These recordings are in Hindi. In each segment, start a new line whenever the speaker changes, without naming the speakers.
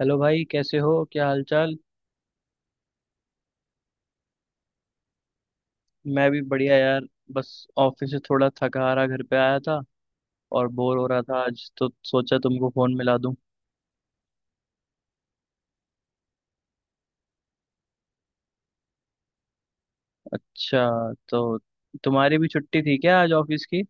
हेलो भाई कैसे हो क्या हालचाल। मैं भी बढ़िया यार। बस ऑफिस से थोड़ा थका हारा घर पे आया था और बोर हो रहा था आज तो सोचा तुमको फोन मिला दूं। अच्छा तो तुम्हारी भी छुट्टी थी क्या आज ऑफिस की।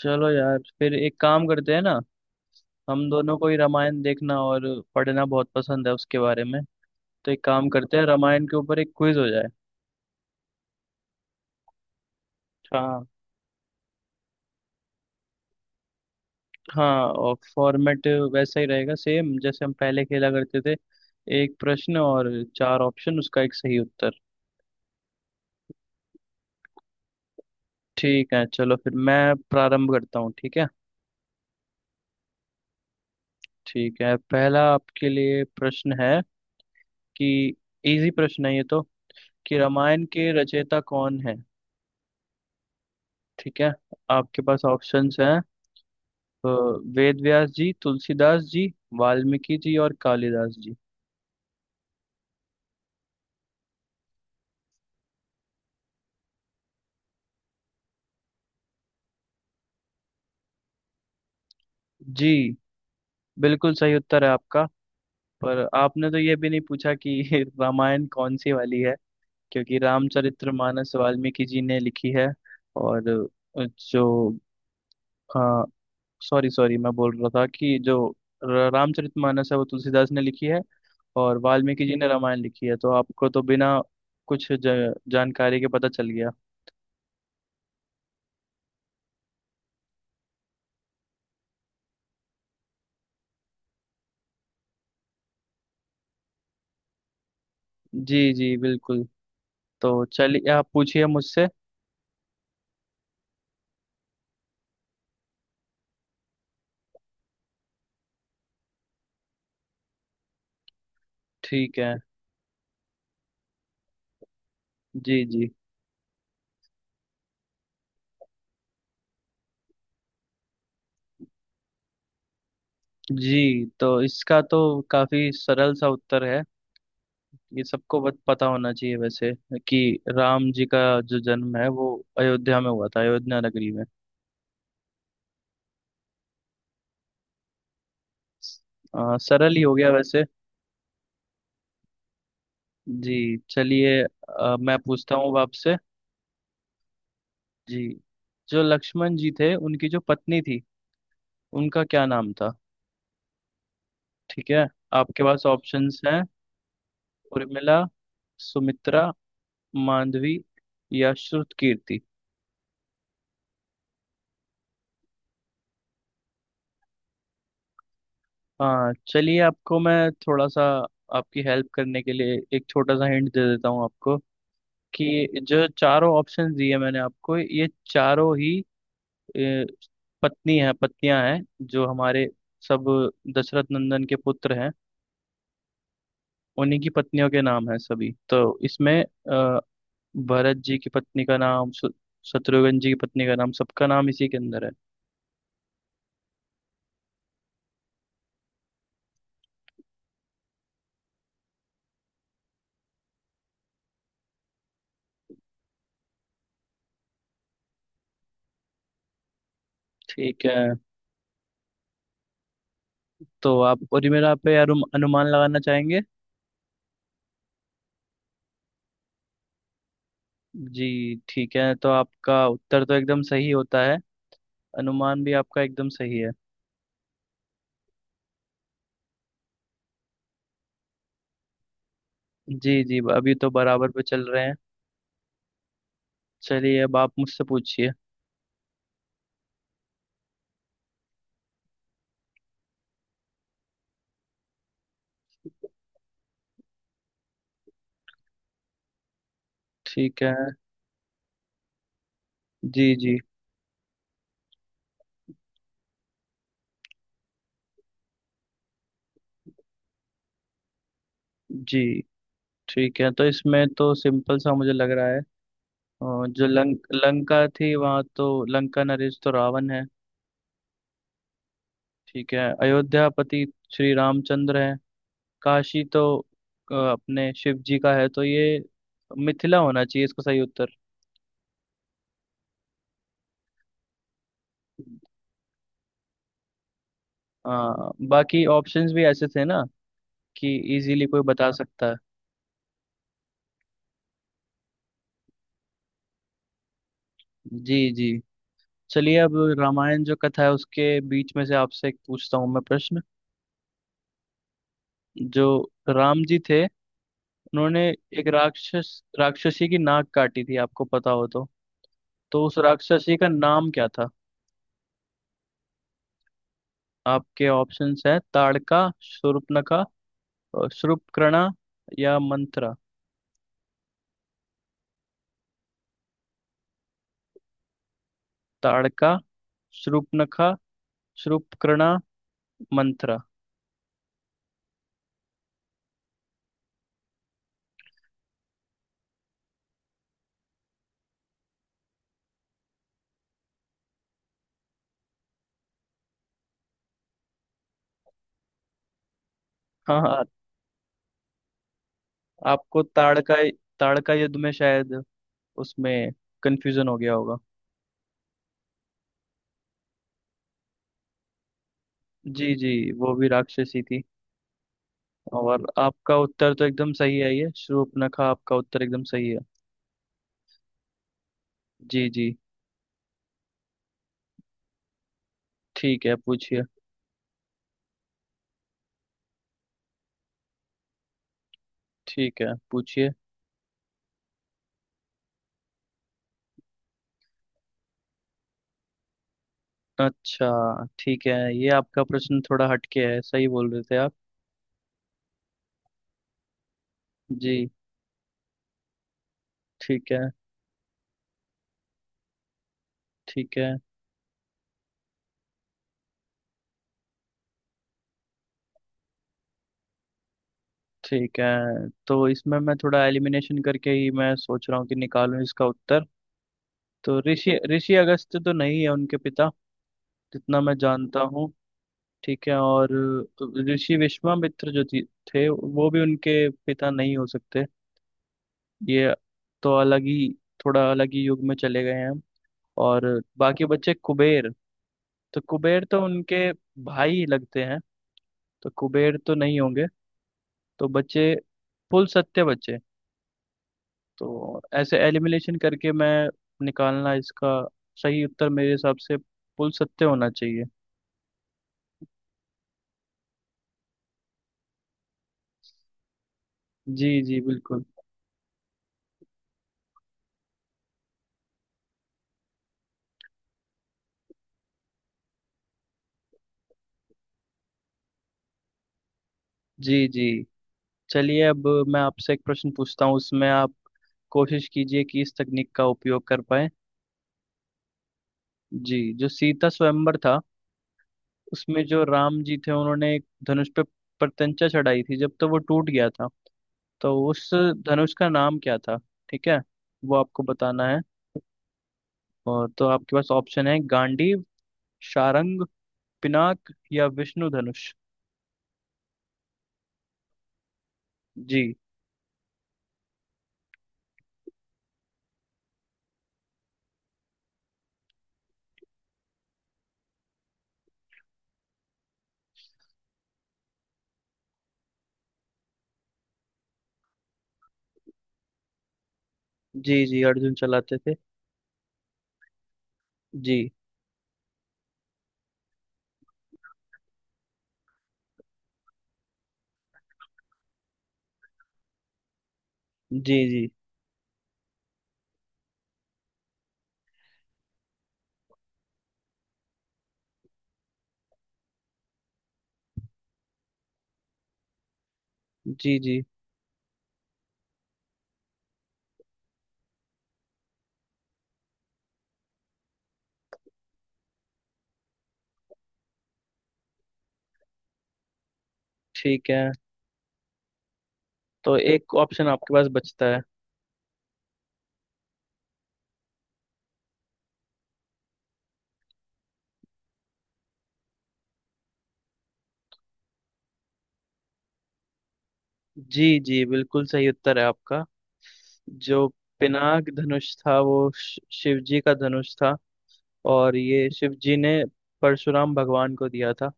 चलो यार फिर एक काम करते हैं ना। हम दोनों को ही रामायण देखना और पढ़ना बहुत पसंद है उसके बारे में। तो एक काम करते हैं रामायण के ऊपर एक क्विज हो जाए। हाँ हाँ, और फॉर्मेट वैसा ही रहेगा सेम जैसे हम पहले खेला करते थे। एक प्रश्न और चार ऑप्शन उसका एक सही उत्तर। ठीक है चलो फिर मैं प्रारंभ करता हूँ ठीक है। ठीक है पहला आपके लिए प्रश्न है कि, इजी प्रश्न है ये तो, कि रामायण के रचयिता कौन है। ठीक है आपके पास ऑप्शंस हैं। अ, वेद व्यास जी, तुलसीदास जी, वाल्मीकि जी और कालिदास जी। जी बिल्कुल सही उत्तर है आपका। पर आपने तो ये भी नहीं पूछा कि रामायण कौन सी वाली है। क्योंकि रामचरितमानस वाल्मीकि जी ने लिखी है। और जो, हाँ, सॉरी सॉरी मैं बोल रहा था कि जो रामचरितमानस है वो तुलसीदास ने लिखी है। और वाल्मीकि जी ने रामायण लिखी है तो आपको तो बिना कुछ जानकारी के पता चल गया। जी जी बिल्कुल। तो चलिए आप पूछिए मुझसे। ठीक है। जी जी। जी तो इसका तो काफी सरल सा उत्तर है। ये सबको पता होना चाहिए वैसे, कि राम जी का जो जन्म है वो अयोध्या में हुआ था, अयोध्या नगरी में। सरल ही हो गया वैसे। जी चलिए, मैं पूछता हूँ अब आपसे। जी, जो लक्ष्मण जी थे उनकी जो पत्नी थी उनका क्या नाम था। ठीक है आपके पास ऑप्शंस हैं। उर्मिला, सुमित्रा, मांडवी या श्रुतकीर्ति। हाँ चलिए, आपको मैं थोड़ा सा, आपकी हेल्प करने के लिए एक छोटा सा हिंट दे देता हूँ आपको। कि जो चारों ऑप्शंस दिए मैंने आपको ये चारों ही, अ, पत्नी हैं, पत्नियां हैं। जो हमारे सब दशरथ नंदन के पुत्र हैं उन्हीं की पत्नियों के नाम है सभी तो इसमें। भरत जी की पत्नी का नाम शत्रुघ्न जी की पत्नी का नाम सबका नाम इसी के अंदर है। ठीक है तो आप और मेरा पे अनुमान लगाना चाहेंगे। जी ठीक है तो आपका उत्तर तो एकदम सही होता है। अनुमान भी आपका एकदम सही है। जी जी अभी तो बराबर पे चल रहे हैं। चलिए अब आप मुझसे पूछिए। ठीक है। जी जी। जी ठीक है तो इसमें तो सिंपल सा मुझे लग रहा है। और जो लंका थी वहाँ तो लंका नरेश तो रावण है। ठीक है अयोध्यापति श्री रामचंद्र है। काशी तो अपने शिव जी का है तो ये मिथिला होना चाहिए इसका सही उत्तर। हाँ बाकी ऑप्शंस भी ऐसे थे ना कि इजीली कोई बता सकता है। जी जी। चलिए अब रामायण जो कथा है उसके बीच में से आपसे एक पूछता हूँ मैं प्रश्न। जो राम जी थे उन्होंने एक राक्षस राक्षसी की नाक काटी थी आपको पता हो तो उस राक्षसी का नाम क्या था। आपके ऑप्शंस है ताड़का, शूर्पणखा और शूर्पणखा या मंत्रा। ताड़का, शूर्पणखा, शूर्पणखा, मंत्रा। हाँ हाँ आपको ताड़का, ताड़का युद्ध में शायद, उसमें कंफ्यूजन हो गया होगा। जी जी वो भी राक्षसी थी। और आपका उत्तर तो एकदम सही है, ये शूर्पणखा आपका उत्तर एकदम सही है। जी जी। ठीक है पूछिए। ठीक है पूछिए। अच्छा ठीक है ये आपका प्रश्न थोड़ा हटके है सही बोल रहे थे आप। जी। ठीक है। ठीक है। ठीक है तो इसमें मैं थोड़ा एलिमिनेशन करके ही मैं सोच रहा हूँ कि निकालूं इसका उत्तर। तो ऋषि ऋषि अगस्त्य तो नहीं है उनके पिता, जितना मैं जानता हूँ। ठीक है। और ऋषि विश्वामित्र जो थे वो भी उनके पिता नहीं हो सकते। ये तो अलग ही, थोड़ा अलग ही युग में चले गए हैं हम। और बाकी बच्चे कुबेर, तो कुबेर तो उनके भाई लगते हैं तो कुबेर तो नहीं होंगे। तो बचे कुल सत्य बचे। तो ऐसे एलिमिनेशन करके मैं निकालना इसका, सही उत्तर मेरे हिसाब से कुल सत्य होना चाहिए। जी जी बिल्कुल। जी जी चलिए अब मैं आपसे एक प्रश्न पूछता हूँ उसमें आप कोशिश कीजिए कि इस तकनीक का उपयोग कर पाए। जी जो सीता स्वयंवर था उसमें जो राम जी थे उन्होंने एक धनुष पे प्रत्यंचा चढ़ाई थी जब, तो वो टूट गया था तो उस धनुष का नाम क्या था। ठीक है वो आपको बताना है। और तो आपके पास ऑप्शन है गांडीव, सारंग, पिनाक या विष्णु धनुष। जी जी। जी अर्जुन चलाते थे। जी। जी। जी जी। जी ठीक है तो एक ऑप्शन आपके पास बचता है। जी जी बिल्कुल सही उत्तर है आपका। जो पिनाक धनुष था वो शिव जी का धनुष था। और ये शिव जी ने परशुराम भगवान को दिया था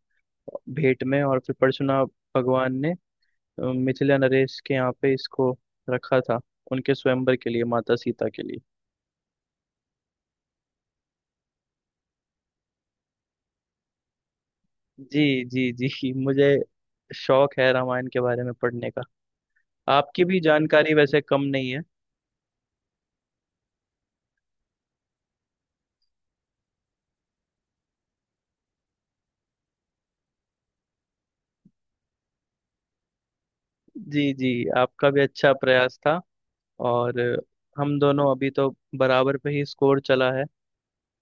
भेंट में। और फिर परशुराम भगवान ने, मिथिला नरेश के यहाँ पे इसको रखा था उनके स्वयंवर के लिए, माता सीता के लिए। जी जी जी मुझे शौक है रामायण के बारे में पढ़ने का। आपकी भी जानकारी वैसे कम नहीं है। जी जी। आपका भी अच्छा प्रयास था। और हम दोनों अभी तो बराबर पे ही स्कोर चला है।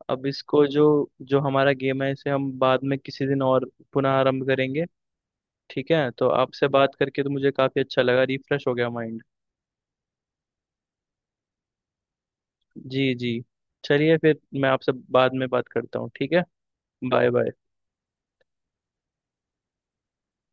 अब इसको जो, जो हमारा गेम है इसे हम बाद में किसी दिन और पुनः आरंभ करेंगे। ठीक है तो आपसे बात करके तो मुझे काफी अच्छा लगा, रिफ्रेश हो गया माइंड। जी जी चलिए फिर मैं आपसे बाद में बात करता हूँ ठीक है। Bye bye.